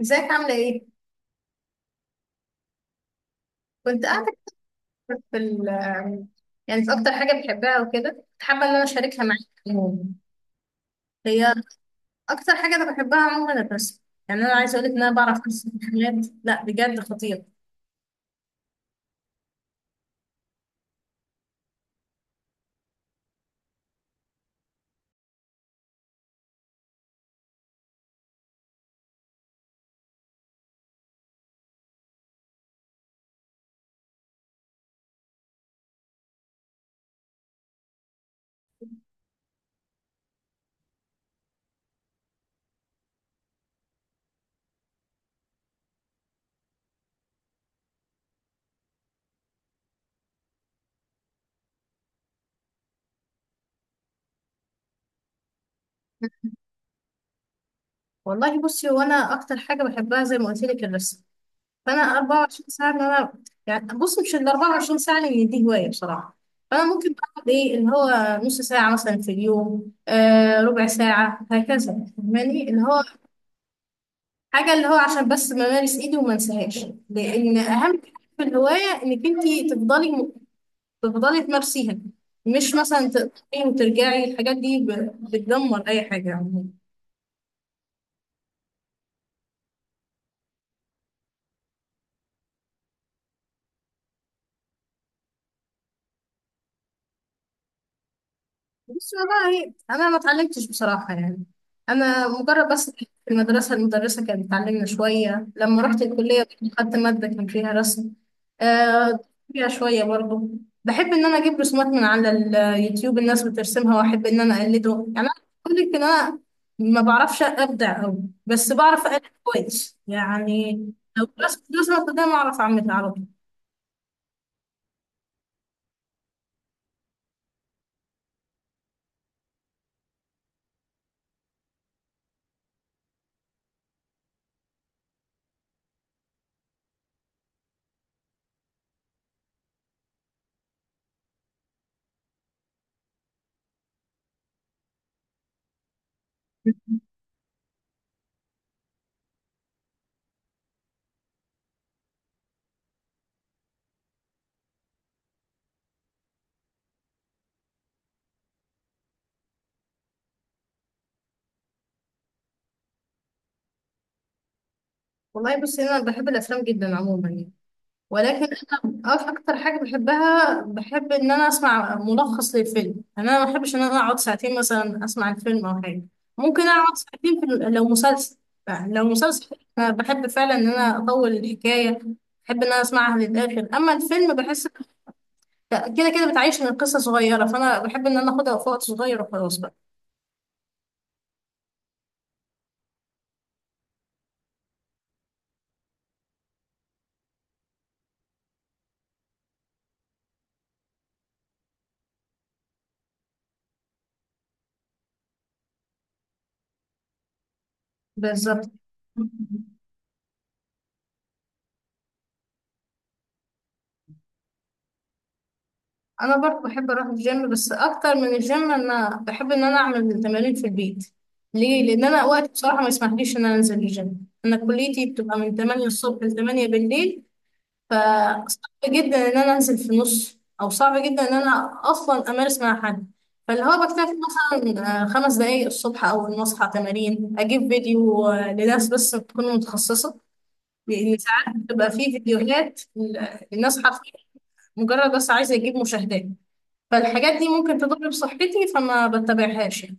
ازيك عاملة ايه؟ كنت قاعدة في ال يعني في أكتر حاجة بحبها وكده كنت حابة إن أنا أشاركها معاك عموما. هي أكتر حاجة أنا بحبها عموما الرسم. يعني أنا عايزة أقولك إن أنا بعرف أرسم حاجات، لا بجد خطير. والله بصي، هو أنا أكتر حاجة بحبها زي ما قلت لك الرسم. فأنا 24 ساعة إن أنا، يعني بصي مش ال 24 ساعة لأن دي هواية بصراحة. فأنا ممكن بقعد إيه اللي هو نص ساعة مثلا في اليوم، آه، ربع ساعة هكذا، فاهماني اللي هو حاجة اللي هو عشان بس بمارس ايدي وما انساهاش، لان اهم حاجة في الهواية انك انت تفضلي تمارسيها. مش مثلا تقطعي وترجعي، الحاجات دي بتدمر اي حاجة عموما. بس والله انا ما اتعلمتش بصراحه يعني. انا مجرد بس في المدرسه كانت بتعلمنا شويه، لما رحت الكليه برضه خدت ماده كان فيها رسم. آه، فيها شويه برضه. بحب ان انا اجيب رسومات من على اليوتيوب، الناس بترسمها واحب ان انا اقلده. يعني انا بقول لك ان انا ما بعرفش ابدع قوي، بس بعرف اقلد كويس يعني. لو رسمت رسمه قدام اعرف اعملها على طول. والله بس انا بحب الافلام جدا عموما يعني. ولكن انا اكتر حاجه بحبها، بحب ان انا اسمع ملخص للفيلم. يعني انا ما بحبش ان انا اقعد ساعتين مثلا اسمع الفيلم او حاجه. ممكن اقعد ساعتين لو مسلسل. يعني لو مسلسل أنا بحب فعلا ان انا اطول الحكايه، بحب ان انا اسمعها للاخر. اما الفيلم بحس كده كده بتعيش من القصه صغيره، فانا بحب ان انا اخدها في وقت صغير وخلاص بقى. بالظبط. انا برضه بحب اروح الجيم، بس اكتر من الجيم انا بحب ان انا اعمل تمارين في البيت. ليه؟ لان انا وقت بصراحه ما يسمحليش ان انا انزل الجيم. انا كليتي بتبقى من 8 الصبح ل 8 بالليل، فصعب جدا ان انا انزل في نص، او صعب جدا ان انا اصلا امارس مع حد. فاللي هو بكتفي مثلا، آه، خمس دقايق الصبح اول ما اصحى تمارين، اجيب فيديو، آه، لناس بس تكون متخصصه. لان ساعات بتبقى فيه الناس حرفيا مجرد بس عايزه يجيب مشاهدات، فالحاجات دي ممكن تضر بصحتي فما بتبعهاش يعني.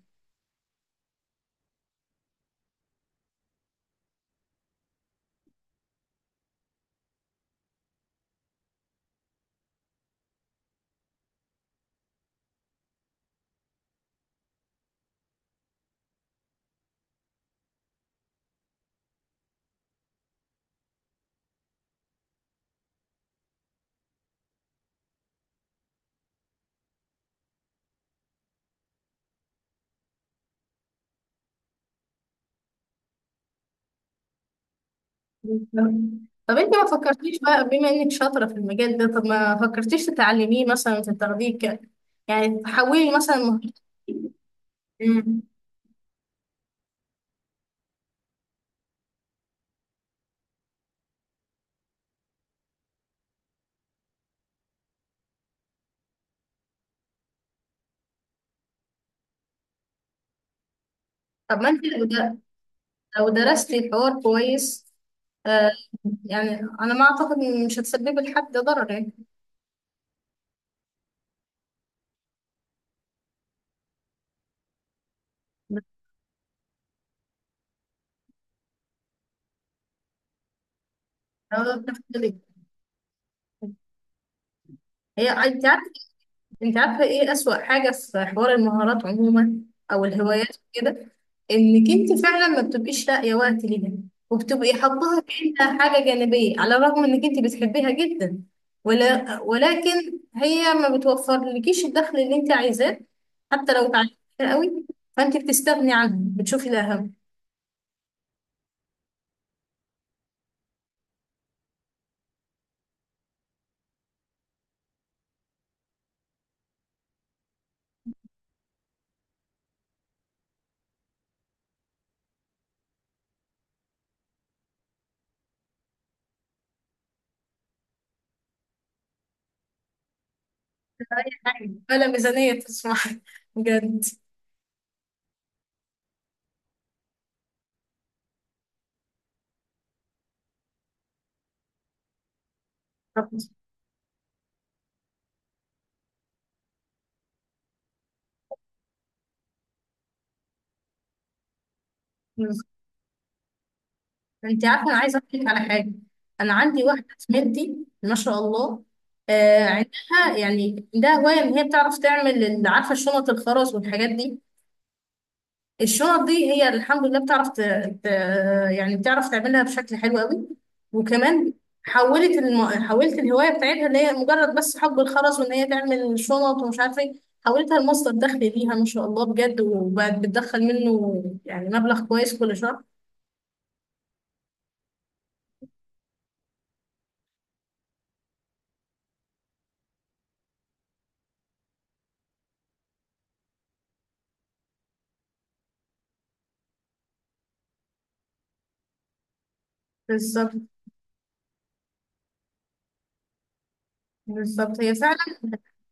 طب انت ما فكرتيش بقى بما انك شاطرة في المجال ده، طب ما فكرتيش تتعلميه مثلا تاخديه يعني تحولي مثلا مهارة؟ مم. طب ما انت لو لو درستي الحوار كويس، آه، يعني انا ما اعتقد ان مش هتسببي لحد ضرر يعني. بس لو تفكري- هي انت عارفة، انت عارفة ايه اسوأ حاجة في حوار المهارات عموما او الهوايات كده؟ انك انت فعلا ما بتبقيش لاقية وقت ليها، وبتبقي حاطاها كأنها حاجة جانبية على الرغم انك انت بتحبيها جدا. ولا ولكن هي ما بتوفرلكيش الدخل اللي انت عايزاه، حتى لو اتعلمتيها قوي. فانت بتستغني عنه بتشوفي الاهم. اي حاجة، ولا ميزانية تسمح. بجد. انت عارفه انا عايزه احكي لك على حاجه. انا عندي واحده زميلتي، ما شاء الله، آه عندها، يعني عندها هوايه ان هي بتعرف تعمل عارفه شنط الخرز والحاجات دي؟ الشنط دي هي الحمد لله بتعرف ت... يعني بتعرف تعملها بشكل حلو قوي. وكمان حولت حولت الهوايه بتاعتها، اللي هي مجرد بس حب الخرز وان هي تعمل شنط ومش عارفه ايه، حولتها لمصدر دخل ليها ما شاء الله بجد. وبقت بتدخل منه يعني مبلغ كويس كل شهر. بالظبط. بالظبط، هي فعلا.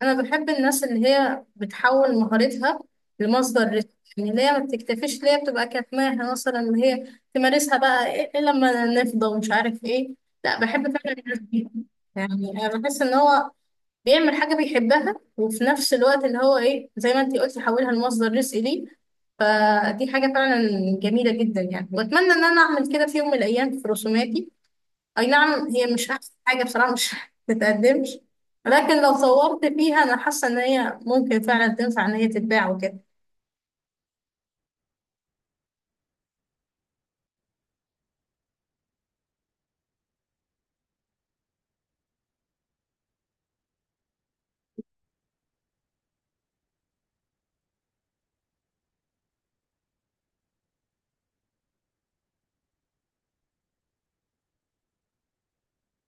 انا بحب الناس اللي هي بتحول مهارتها لمصدر رزق. يعني اللي هي ما بتكتفيش، اللي هي بتبقى كاتماها مثلا، اللي هي تمارسها بقى ايه إيه لما نفضى ومش عارف ايه. لا، بحب فعلا الناس دي. يعني انا بحس ان هو بيعمل حاجه بيحبها، وفي نفس الوقت اللي هو ايه زي ما انتي قلتي حولها لمصدر رزق ليه. فدي حاجه فعلا جميله جدا يعني، واتمنى ان انا اعمل كده في يوم من الايام في رسوماتي. اي نعم، هي مش احسن حاجة بصراحة، مش بتقدمش. لكن لو صورت فيها انا حاسة ان هي ممكن فعلا تنفع ان هي تتباع وكده.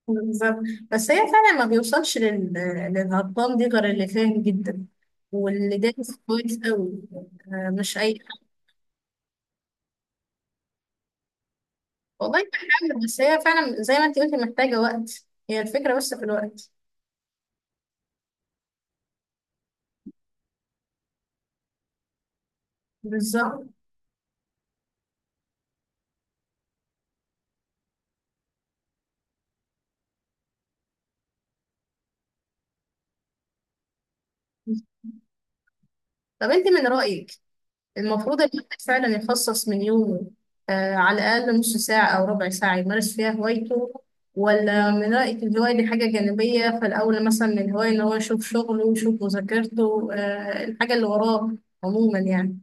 بالظبط. بس هي فعلا ما بيوصلش للهضام دي غير اللي فاهم جدا واللي دارس كويس قوي. آه، مش اي حد. والله بحاول، بس هي فعلا زي ما انت قلتي محتاجة وقت، هي الفكرة بس في الوقت. بالظبط. طب انت من رأيك المفروض الواحد فعلا يخصص من يومه، آه، على الأقل نص ساعة أو ربع ساعة يمارس فيها هوايته؟ ولا من رأيك الهواية دي حاجة جانبية، فالأول مثلا من الهواية إن هو يشوف شغله ويشوف مذاكرته، آه، الحاجة اللي وراه عموما يعني؟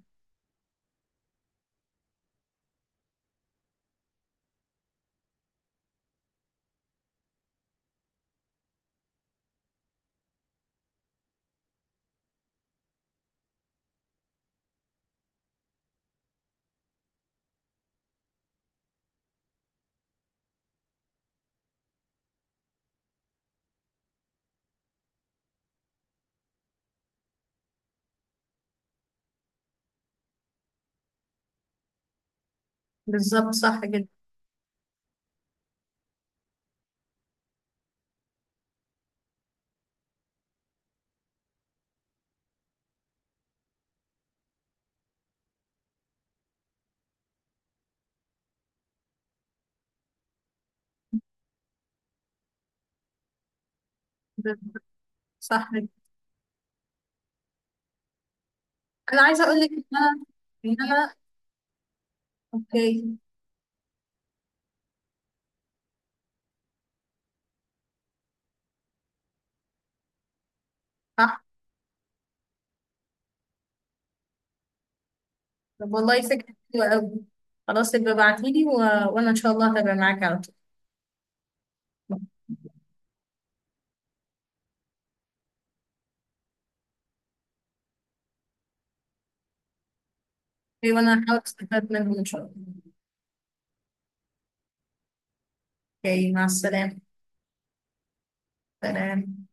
بالظبط، صح جدا. بالظبط، صح جدا. أنا عايزة أقول لك إن أنا أوكي. صح. طب والله فكرة حلوة أوي. خلاص، يبقى ابعتيلي و... وأنا إن شاء الله هتابع معاك على طول. أوكي، وأنا هحاول أستفاد منهم إن شاء الله. أوكي، مع السلامة. سلام.